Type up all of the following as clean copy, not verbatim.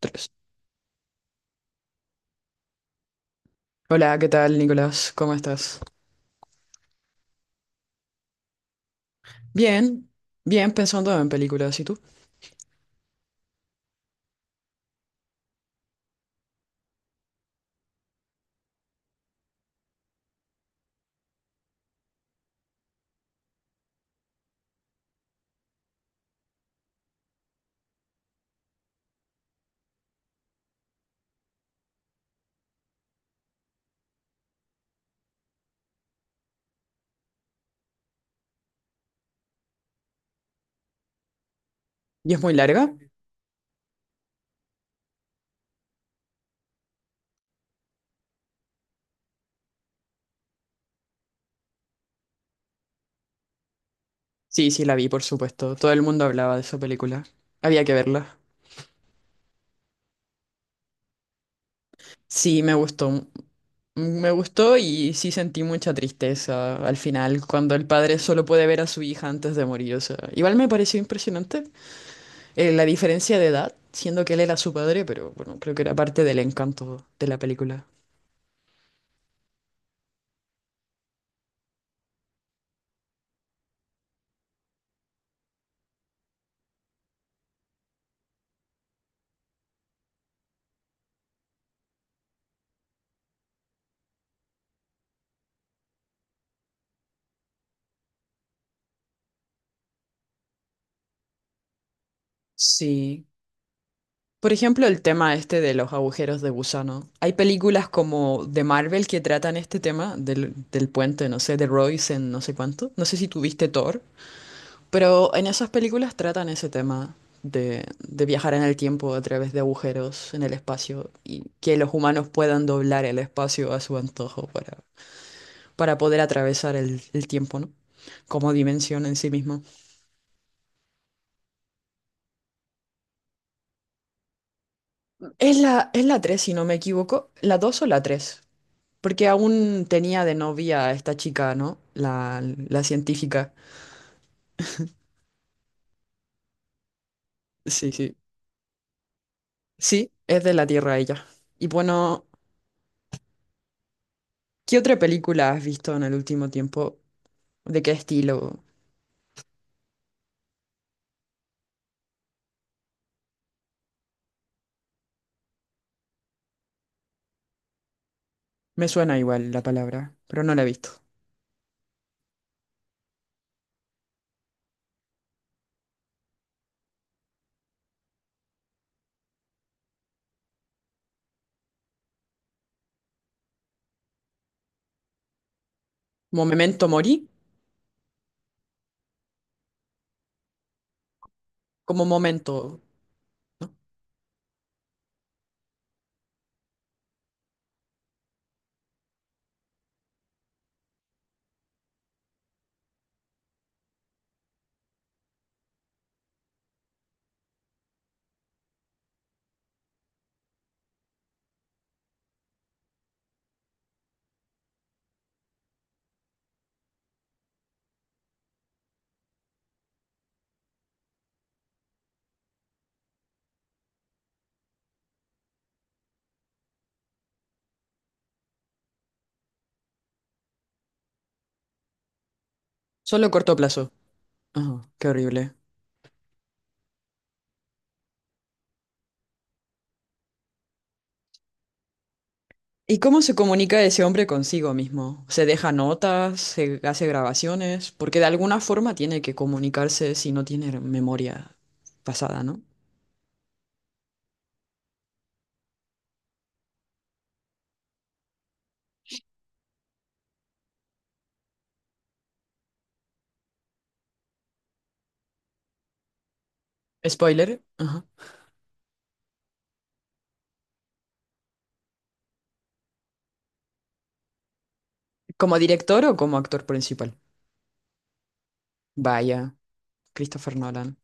Tres. Hola, ¿qué tal, Nicolás? ¿Cómo estás? Bien, bien, pensando en películas. ¿Y tú? ¿Y es muy larga? Sí, sí, la vi, por supuesto. Todo el mundo hablaba de esa película. Había que verla. Sí, me gustó. Me gustó y sí sentí mucha tristeza al final, cuando el padre solo puede ver a su hija antes de morir. O sea, igual me pareció impresionante la diferencia de edad, siendo que él era su padre, pero bueno, creo que era parte del encanto de la película. Sí. Por ejemplo, el tema este de los agujeros de gusano. Hay películas como de Marvel que tratan este tema del puente, no sé, de Royce en no sé cuánto. No sé si tuviste Thor, pero en esas películas tratan ese tema de viajar en el tiempo a través de agujeros en el espacio y que los humanos puedan doblar el espacio a su antojo para poder atravesar el tiempo, ¿no? Como dimensión en sí mismo. Es la 3, si no me equivoco. ¿La 2 o la tres? Porque aún tenía de novia a esta chica, ¿no? La científica. Sí, sí. Sí, es de la Tierra ella. Y bueno, ¿qué otra película has visto en el último tiempo? ¿De qué estilo? Me suena igual la palabra, pero no la he visto. Como Memento Mori, como momento, ¿no? Solo corto plazo. Ajá, qué horrible. ¿Y cómo se comunica ese hombre consigo mismo? ¿Se deja notas? ¿Se hace grabaciones? Porque de alguna forma tiene que comunicarse si no tiene memoria pasada, ¿no? Spoiler. Ajá. ¿Como director o como actor principal? Vaya, Christopher Nolan.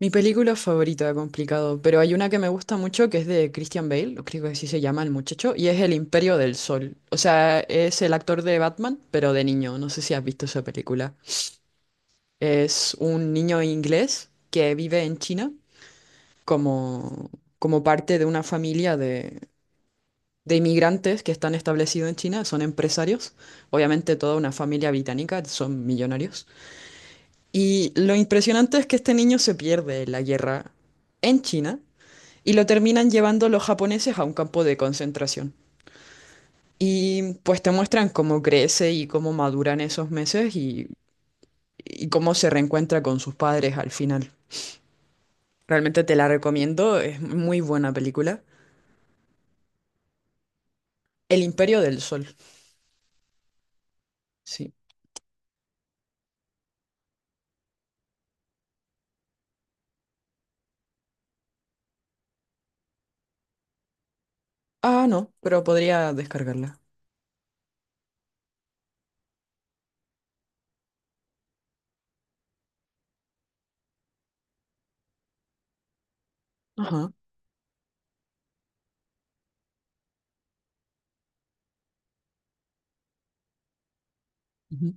Mi película favorita, complicado, pero hay una que me gusta mucho que es de Christian Bale, o creo que así se llama el muchacho, y es El Imperio del Sol. O sea, es el actor de Batman, pero de niño. No sé si has visto esa película. Es un niño inglés que vive en China como, como parte de una familia de inmigrantes que están establecidos en China, son empresarios. Obviamente toda una familia británica, son millonarios. Y lo impresionante es que este niño se pierde en la guerra en China y lo terminan llevando los japoneses a un campo de concentración. Y pues te muestran cómo crece y cómo maduran esos meses y cómo se reencuentra con sus padres al final. Realmente te la recomiendo, es muy buena película. El Imperio del Sol, sí. Ah, no, pero podría descargarla. Ajá. Ujú.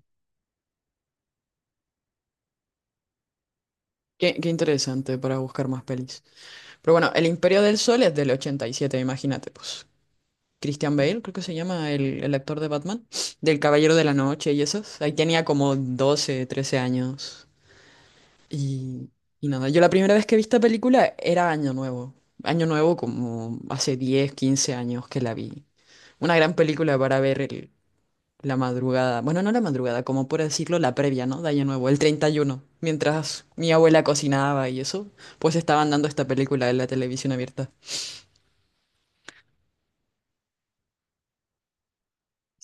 Qué interesante para buscar más pelis. Pero bueno, El Imperio del Sol es del 87. Imagínate, pues. Christian Bale, creo que se llama el actor de Batman, del Caballero de la Noche y esos. Ahí tenía como 12, 13 años. Y, y nada, yo la primera vez que vi esta película era Año Nuevo. Año Nuevo como hace 10, 15 años que la vi. Una gran película para ver la madrugada. Bueno, no la madrugada, como por decirlo, la previa, ¿no? De Año Nuevo, el 31. Mientras mi abuela cocinaba y eso, pues estaban dando esta película en la televisión abierta.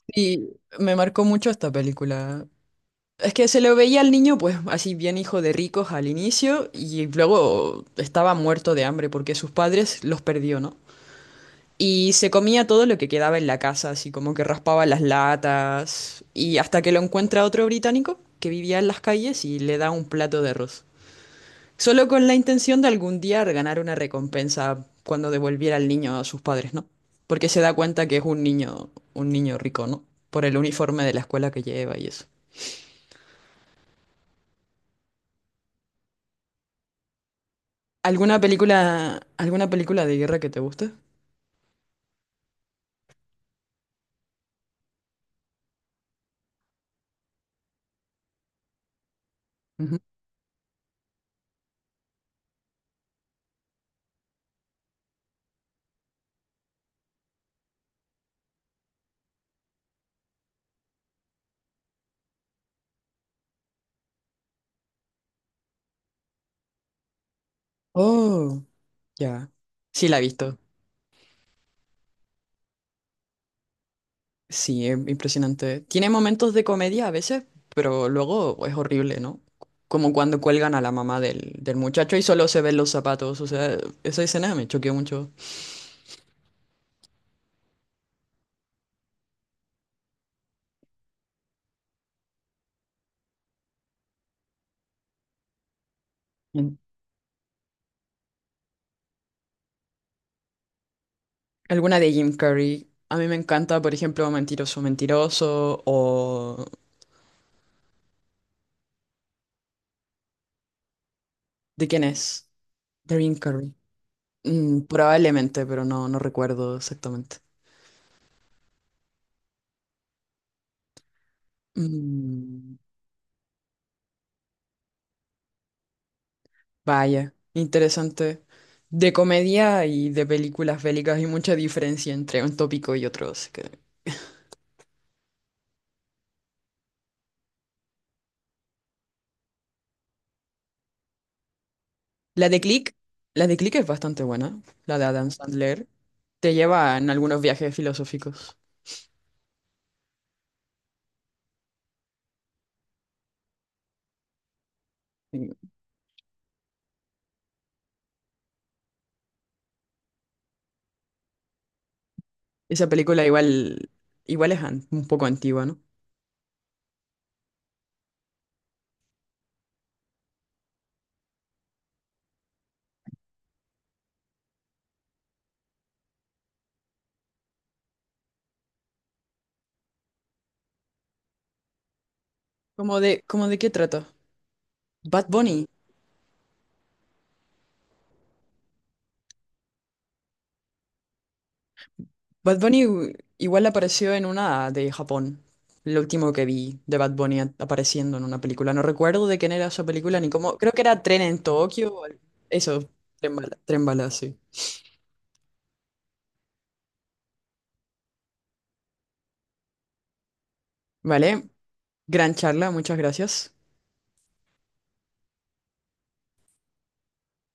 Y me marcó mucho esta película. Es que se lo veía al niño, pues así bien hijo de ricos al inicio, y luego estaba muerto de hambre porque sus padres los perdió, ¿no? Y se comía todo lo que quedaba en la casa, así como que raspaba las latas, y hasta que lo encuentra otro británico que vivía en las calles y le da un plato de arroz. Solo con la intención de algún día ganar una recompensa cuando devolviera al niño a sus padres, ¿no? Porque se da cuenta que es un niño rico, ¿no? Por el uniforme de la escuela que lleva y eso. Alguna película de guerra que te guste? Ujú. Oh, ya. Sí, la he visto. Sí, es impresionante. Tiene momentos de comedia a veces, pero luego es horrible, ¿no? Como cuando cuelgan a la mamá del muchacho y solo se ven los zapatos. O sea, esa escena me choqueó mucho. En- Alguna de Jim Carrey. A mí me encanta, por ejemplo, Mentiroso, Mentiroso o... ¿De quién es? De Jim Carrey. Probablemente, pero no, no recuerdo exactamente. Mm, Vaya, interesante. De comedia y de películas bélicas hay mucha diferencia entre un tópico y otro. Así que- La de Click, la de Click es bastante buena, la de Adam Sandler. Te lleva en algunos viajes filosóficos. Y esa película igual, es un poco antigua, ¿no? cómo de qué trata? Bad Bunny. Bad Bunny igual apareció en una de Japón. Lo último que vi de Bad Bunny apareciendo en una película. No recuerdo de quién era esa película ni cómo. Creo que era Tren en Tokio. Eso, Tren Bala, Tren Bala, sí. Vale, gran charla, muchas gracias.